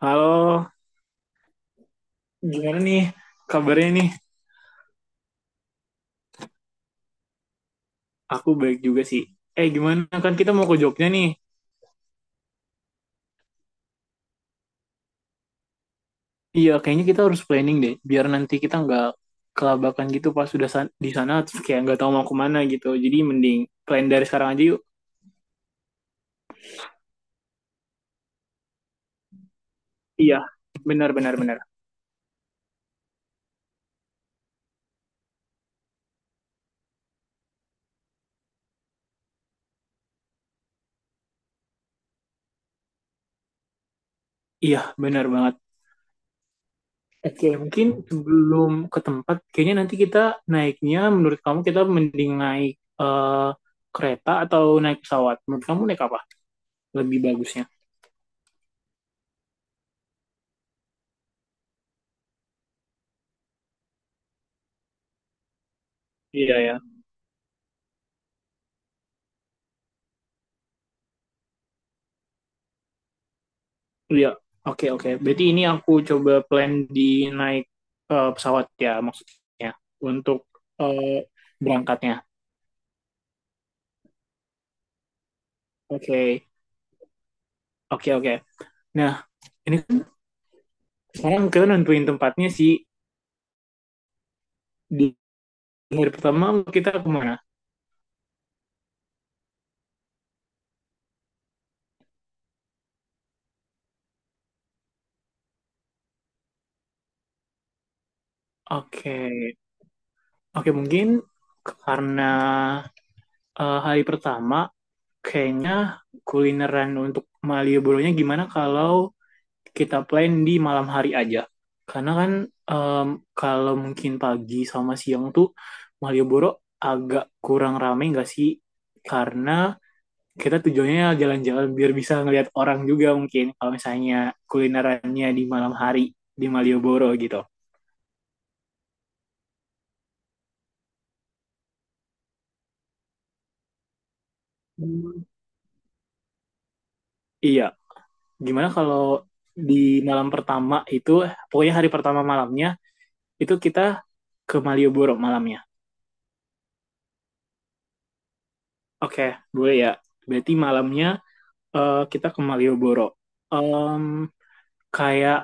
Halo, gimana nih kabarnya nih? Aku baik juga sih. Eh, gimana kan kita mau ke Jogja nih? Iya, kayaknya kita harus planning deh, biar nanti kita nggak kelabakan gitu pas sudah di sana, terus kayak nggak tahu mau kemana gitu. Jadi mending plan dari sekarang aja yuk. Iya, benar benar benar. Iya, benar banget. Oke, mungkin sebelum ke tempat, kayaknya nanti kita naiknya, menurut kamu kita mending naik eh, kereta atau naik pesawat? Menurut kamu naik apa? Lebih bagusnya. Iya ya. Iya, oke oke. Berarti ini aku coba plan di naik pesawat ya maksudnya untuk eh, berangkatnya. Oke, oke oke. Nah, ini kan sekarang kita nentuin tempatnya sih di hari pertama kita kemana? Oke, oke mungkin karena hari pertama kayaknya kulineran untuk Malioboro-nya gimana kalau kita plan di malam hari aja. Karena kan em, kalau mungkin pagi sama siang tuh Malioboro agak kurang rame nggak sih? Karena kita tujuannya jalan-jalan biar bisa ngelihat orang juga mungkin kalau misalnya kulinerannya di malam hari di Malioboro gitu. Hmm. Iya, gimana kalau di malam pertama itu, pokoknya hari pertama malamnya, itu kita ke Malioboro malamnya. Oke, boleh ya. Berarti malamnya kita ke Malioboro. Em, Kayak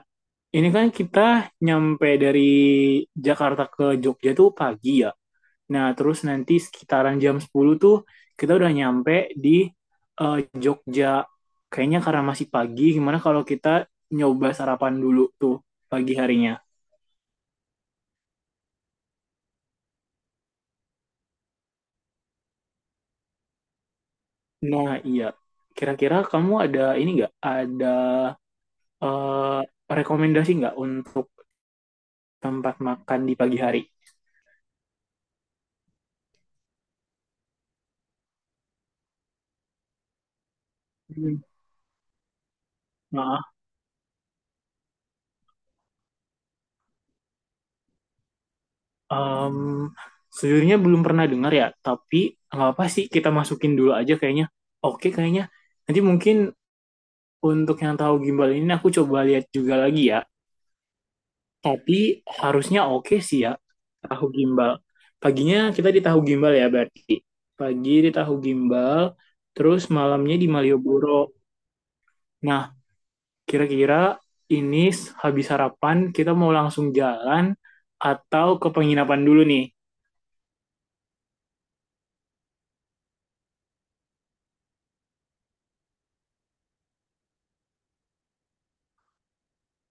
ini kan kita nyampe dari Jakarta ke Jogja tuh pagi ya. Nah, terus nanti sekitaran jam 10 tuh kita udah nyampe di eh, Jogja. Kayaknya karena masih pagi, gimana kalau kita nyoba sarapan dulu tuh pagi harinya. Nah, iya. Kira-kira kamu ada ini nggak? Ada eh, rekomendasi nggak untuk tempat makan di pagi hari? Hmm. Em, Sejujurnya belum pernah dengar ya, tapi nggak apa sih kita masukin dulu aja kayaknya. Oke kayaknya. Nanti mungkin untuk yang tahu gimbal ini aku coba lihat juga lagi ya. Tapi harusnya oke sih ya tahu gimbal. Paginya kita di tahu gimbal ya berarti. Pagi di tahu gimbal, terus malamnya di Malioboro. Nah, kira-kira ini habis sarapan kita mau langsung jalan atau ke penginapan dulu nih?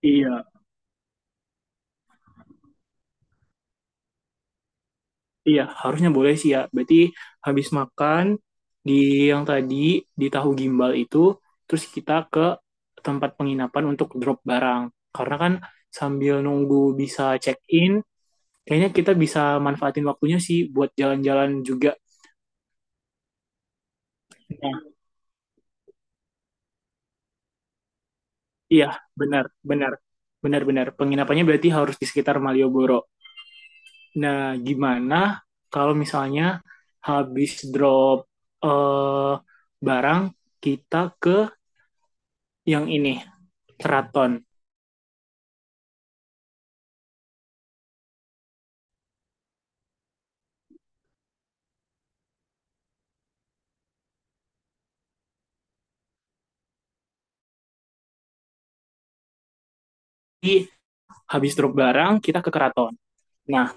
Iya. Iya, harusnya boleh sih ya. Berarti habis makan di yang tadi di tahu gimbal itu, terus kita ke tempat penginapan untuk drop barang. Karena kan sambil nunggu bisa check-in, kayaknya kita bisa manfaatin waktunya sih buat jalan-jalan juga. Nah, iya, benar, benar. Benar-benar. Penginapannya berarti harus di sekitar Malioboro. Nah, gimana kalau misalnya habis drop eh, barang, kita ke yang ini, keraton. Jadi habis truk barang kita ke keraton. Nah,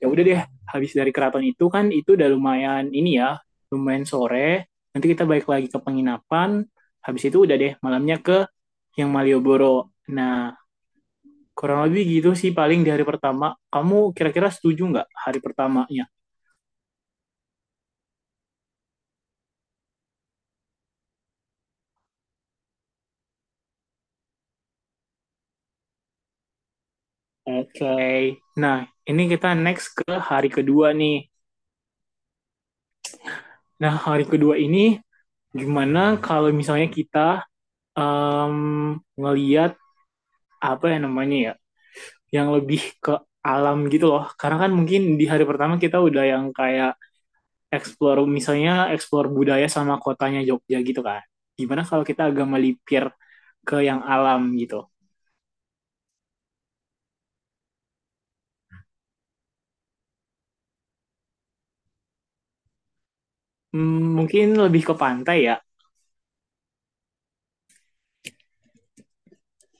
ya udah deh, habis dari keraton itu kan itu udah lumayan ini ya, lumayan sore. Nanti kita balik lagi ke penginapan. Habis itu udah deh malamnya ke yang Malioboro. Nah, kurang lebih gitu sih paling di hari pertama. Kamu kira-kira setuju nggak hari pertamanya? Oke. Okay. Nah, ini kita next ke hari kedua nih. Nah, hari kedua ini gimana kalau misalnya kita em ngeliat apa ya namanya ya yang lebih ke alam gitu loh. Karena kan mungkin di hari pertama kita udah yang kayak explore misalnya explore budaya sama kotanya Jogja gitu kan. Gimana kalau kita agak melipir ke yang alam gitu. Mungkin lebih ke pantai ya.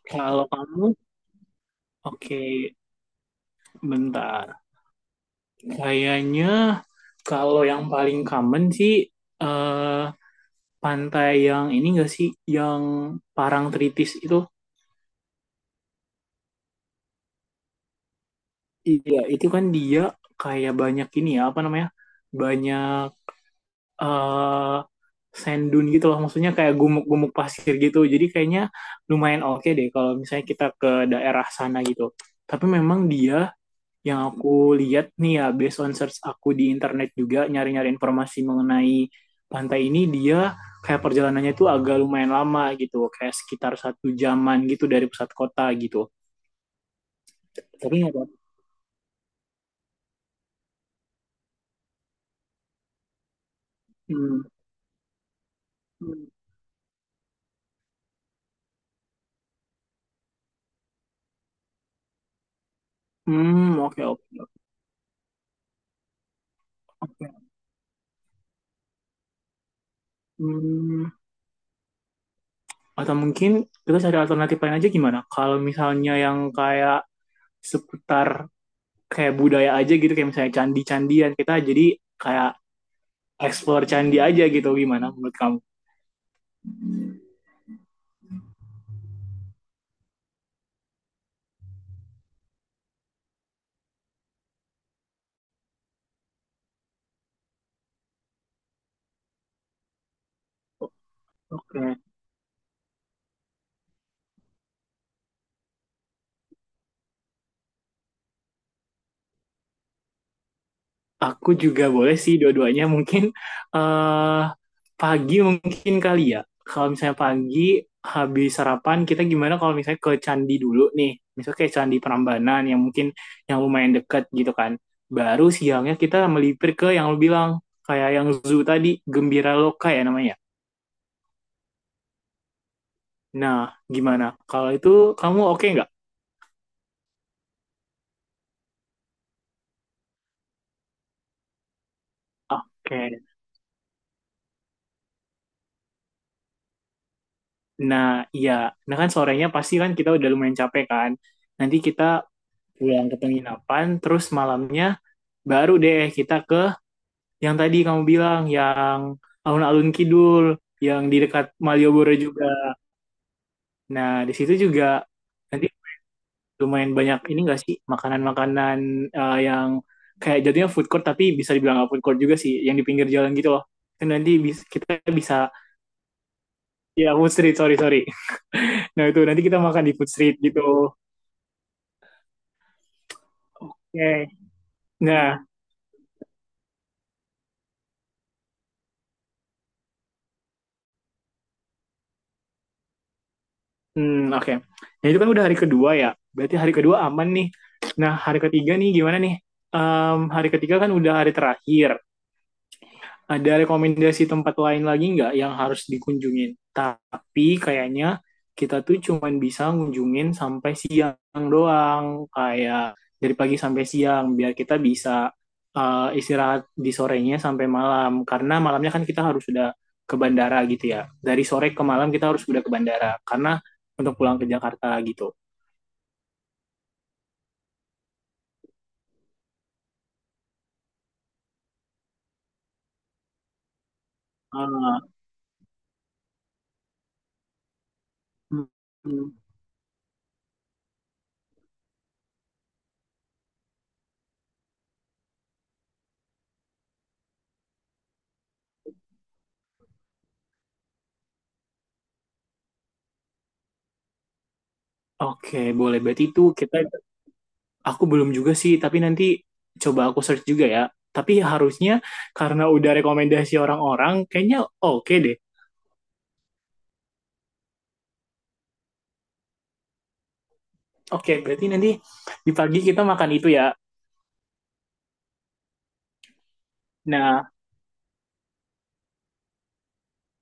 Kalau kamu, oke, bentar. Kayaknya kalau yang paling common sih eh pantai yang ini enggak sih yang Parangtritis itu. Iya, itu kan dia kayak banyak ini ya, apa namanya? Banyak eh sand dune gitu loh, maksudnya kayak gumuk-gumuk pasir gitu, jadi kayaknya lumayan oke deh kalau misalnya kita ke daerah sana gitu. Tapi memang dia, yang aku lihat nih ya based on search aku di internet juga nyari-nyari informasi mengenai pantai ini, dia kayak perjalanannya tuh agak lumayan lama gitu, kayak sekitar satu jaman gitu dari pusat kota gitu, tapi nggak apa-apa. Hmm. Hmm, oke oke oke. Hmm, Atau mungkin kita cari alternatif lain aja gimana? Kalau misalnya yang kayak seputar kayak budaya aja gitu, kayak misalnya candi-candian, kita jadi kayak explore candi aja gitu, gimana menurut kamu? Oke, aku juga boleh sih dua-duanya mungkin eh pagi mungkin kali ya. Kalau misalnya pagi habis sarapan kita gimana kalau misalnya ke candi dulu nih. Misalnya kayak Candi Prambanan yang mungkin yang lumayan dekat gitu kan. Baru siangnya kita melipir ke yang lu bilang kayak yang zoo tadi, Gembira Loka ya namanya. Nah, gimana? Kalau itu kamu oke nggak? Oke. Nah, iya. Nah kan sorenya pasti kan kita udah lumayan capek kan. Nanti kita pulang ke penginapan, terus malamnya baru deh kita ke yang tadi kamu bilang, yang alun-alun Kidul, yang di dekat Malioboro juga. Nah, di situ juga nanti lumayan banyak ini nggak sih makanan-makanan yang kayak jadinya food court tapi bisa dibilang nggak food court juga sih, yang di pinggir jalan gitu loh. Dan nanti kita bisa ya food street, sorry sorry. Nah itu nanti kita makan di food street gitu. Oke. Nah oke. Nah, itu kan udah hari kedua ya. Berarti hari kedua aman nih. Nah, hari ketiga nih gimana nih? Hari ketiga kan udah hari terakhir. Ada rekomendasi tempat lain lagi nggak yang harus dikunjungin? Tapi kayaknya kita tuh cuman bisa ngunjungin sampai siang doang, kayak dari pagi sampai siang, biar kita bisa istirahat di sorenya sampai malam. Karena malamnya kan kita harus sudah ke bandara gitu ya. Dari sore ke malam kita harus sudah ke bandara, karena untuk pulang ke Jakarta gitu. Ah, mm, mm. Oke, boleh. Berarti itu kita aku belum juga sih, tapi nanti coba aku search juga ya. Tapi harusnya karena udah rekomendasi orang-orang, kayaknya oke deh. Oke, berarti nanti di pagi kita makan itu ya. Nah,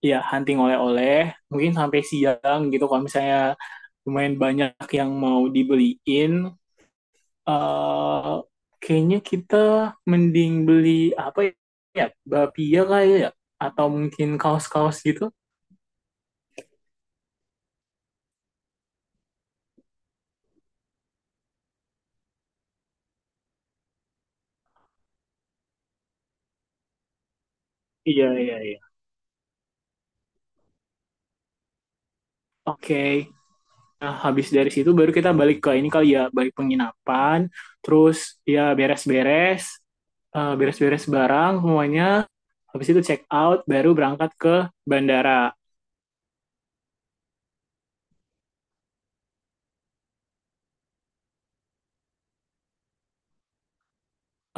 ya hunting oleh-oleh, mungkin sampai siang gitu kalau misalnya lumayan banyak yang mau dibeliin. eh Kayaknya kita mending beli apa ya? Bapia kali ya? Atau mungkin kaos-kaos gitu? Iya, iya, iya. Oke. Nah, habis dari situ baru kita balik ke ini kali ya, balik penginapan, terus ya beres-beres barang semuanya, habis itu check out, baru berangkat ke bandara.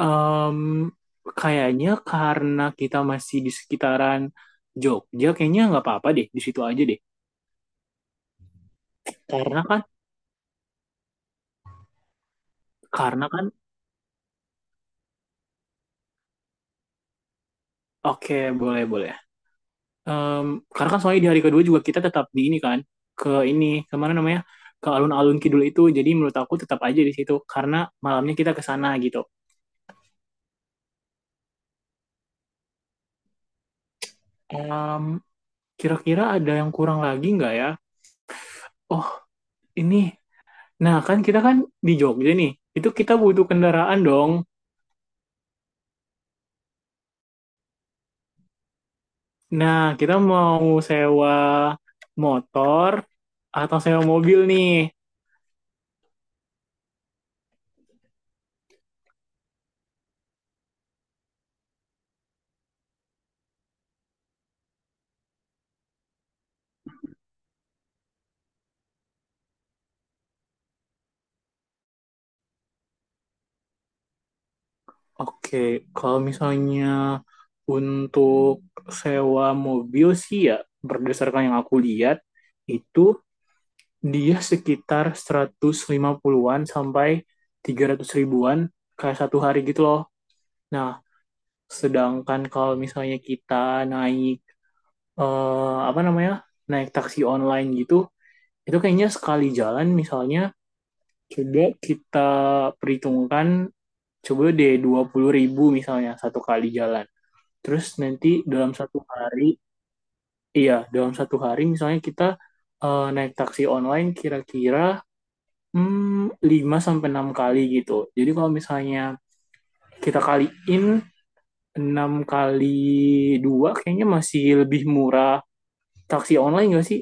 Em, Kayaknya karena kita masih di sekitaran Jogja, kayaknya nggak apa-apa deh, di situ aja deh. Karena kan, karena kan, oke boleh boleh. Em, karena kan soalnya di hari kedua juga kita tetap di ini kan, ke ini kemana namanya, ke alun-alun kidul itu, jadi menurut aku tetap aja di situ karena malamnya kita ke sana gitu. Em, Kira-kira ada yang kurang lagi nggak ya, oh ini, nah kan kita kan di Jogja nih, itu kita butuh kendaraan dong. Nah kita mau sewa motor atau sewa mobil nih? Oke, kalau misalnya untuk sewa mobil sih ya, berdasarkan yang aku lihat itu dia sekitar 150-an sampai 300 ribuan kayak satu hari gitu loh. Nah, sedangkan kalau misalnya kita naik apa namanya? Naik taksi online gitu, itu kayaknya sekali jalan misalnya, coba kita perhitungkan, coba deh 20 ribu misalnya satu kali jalan. Terus nanti dalam satu hari, iya, dalam satu hari misalnya kita naik taksi online kira-kira 5 sampai 6 kali gitu. Jadi kalau misalnya kita kaliin 6 kali 2, kayaknya masih lebih murah taksi online nggak sih?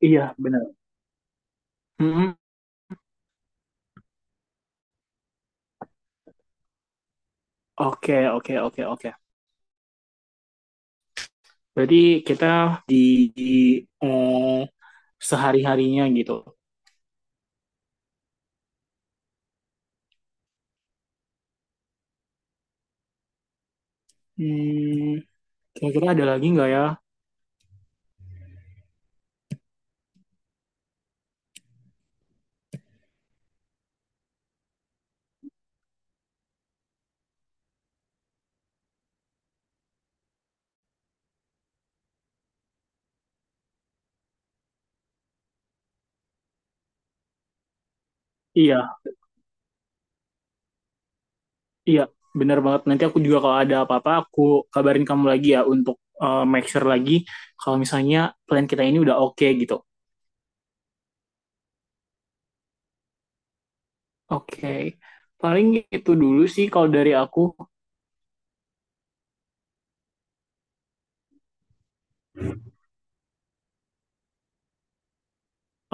Iya, benar. Mm-mm. Oke, oke, oke, oke. Berarti kita di, di, eh, sehari-harinya gitu. Hmm, Kira-kira ada lagi nggak ya? Iya, iya, benar banget. Nanti aku juga kalau ada apa-apa, aku kabarin kamu lagi ya untuk make sure lagi kalau misalnya plan kita ini udah oke okay, gitu. Oke, okay. Paling itu dulu sih kalau dari aku.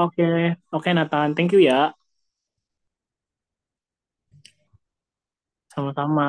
Oke, okay. Oke okay, Nathan, thank you ya. Sama-sama.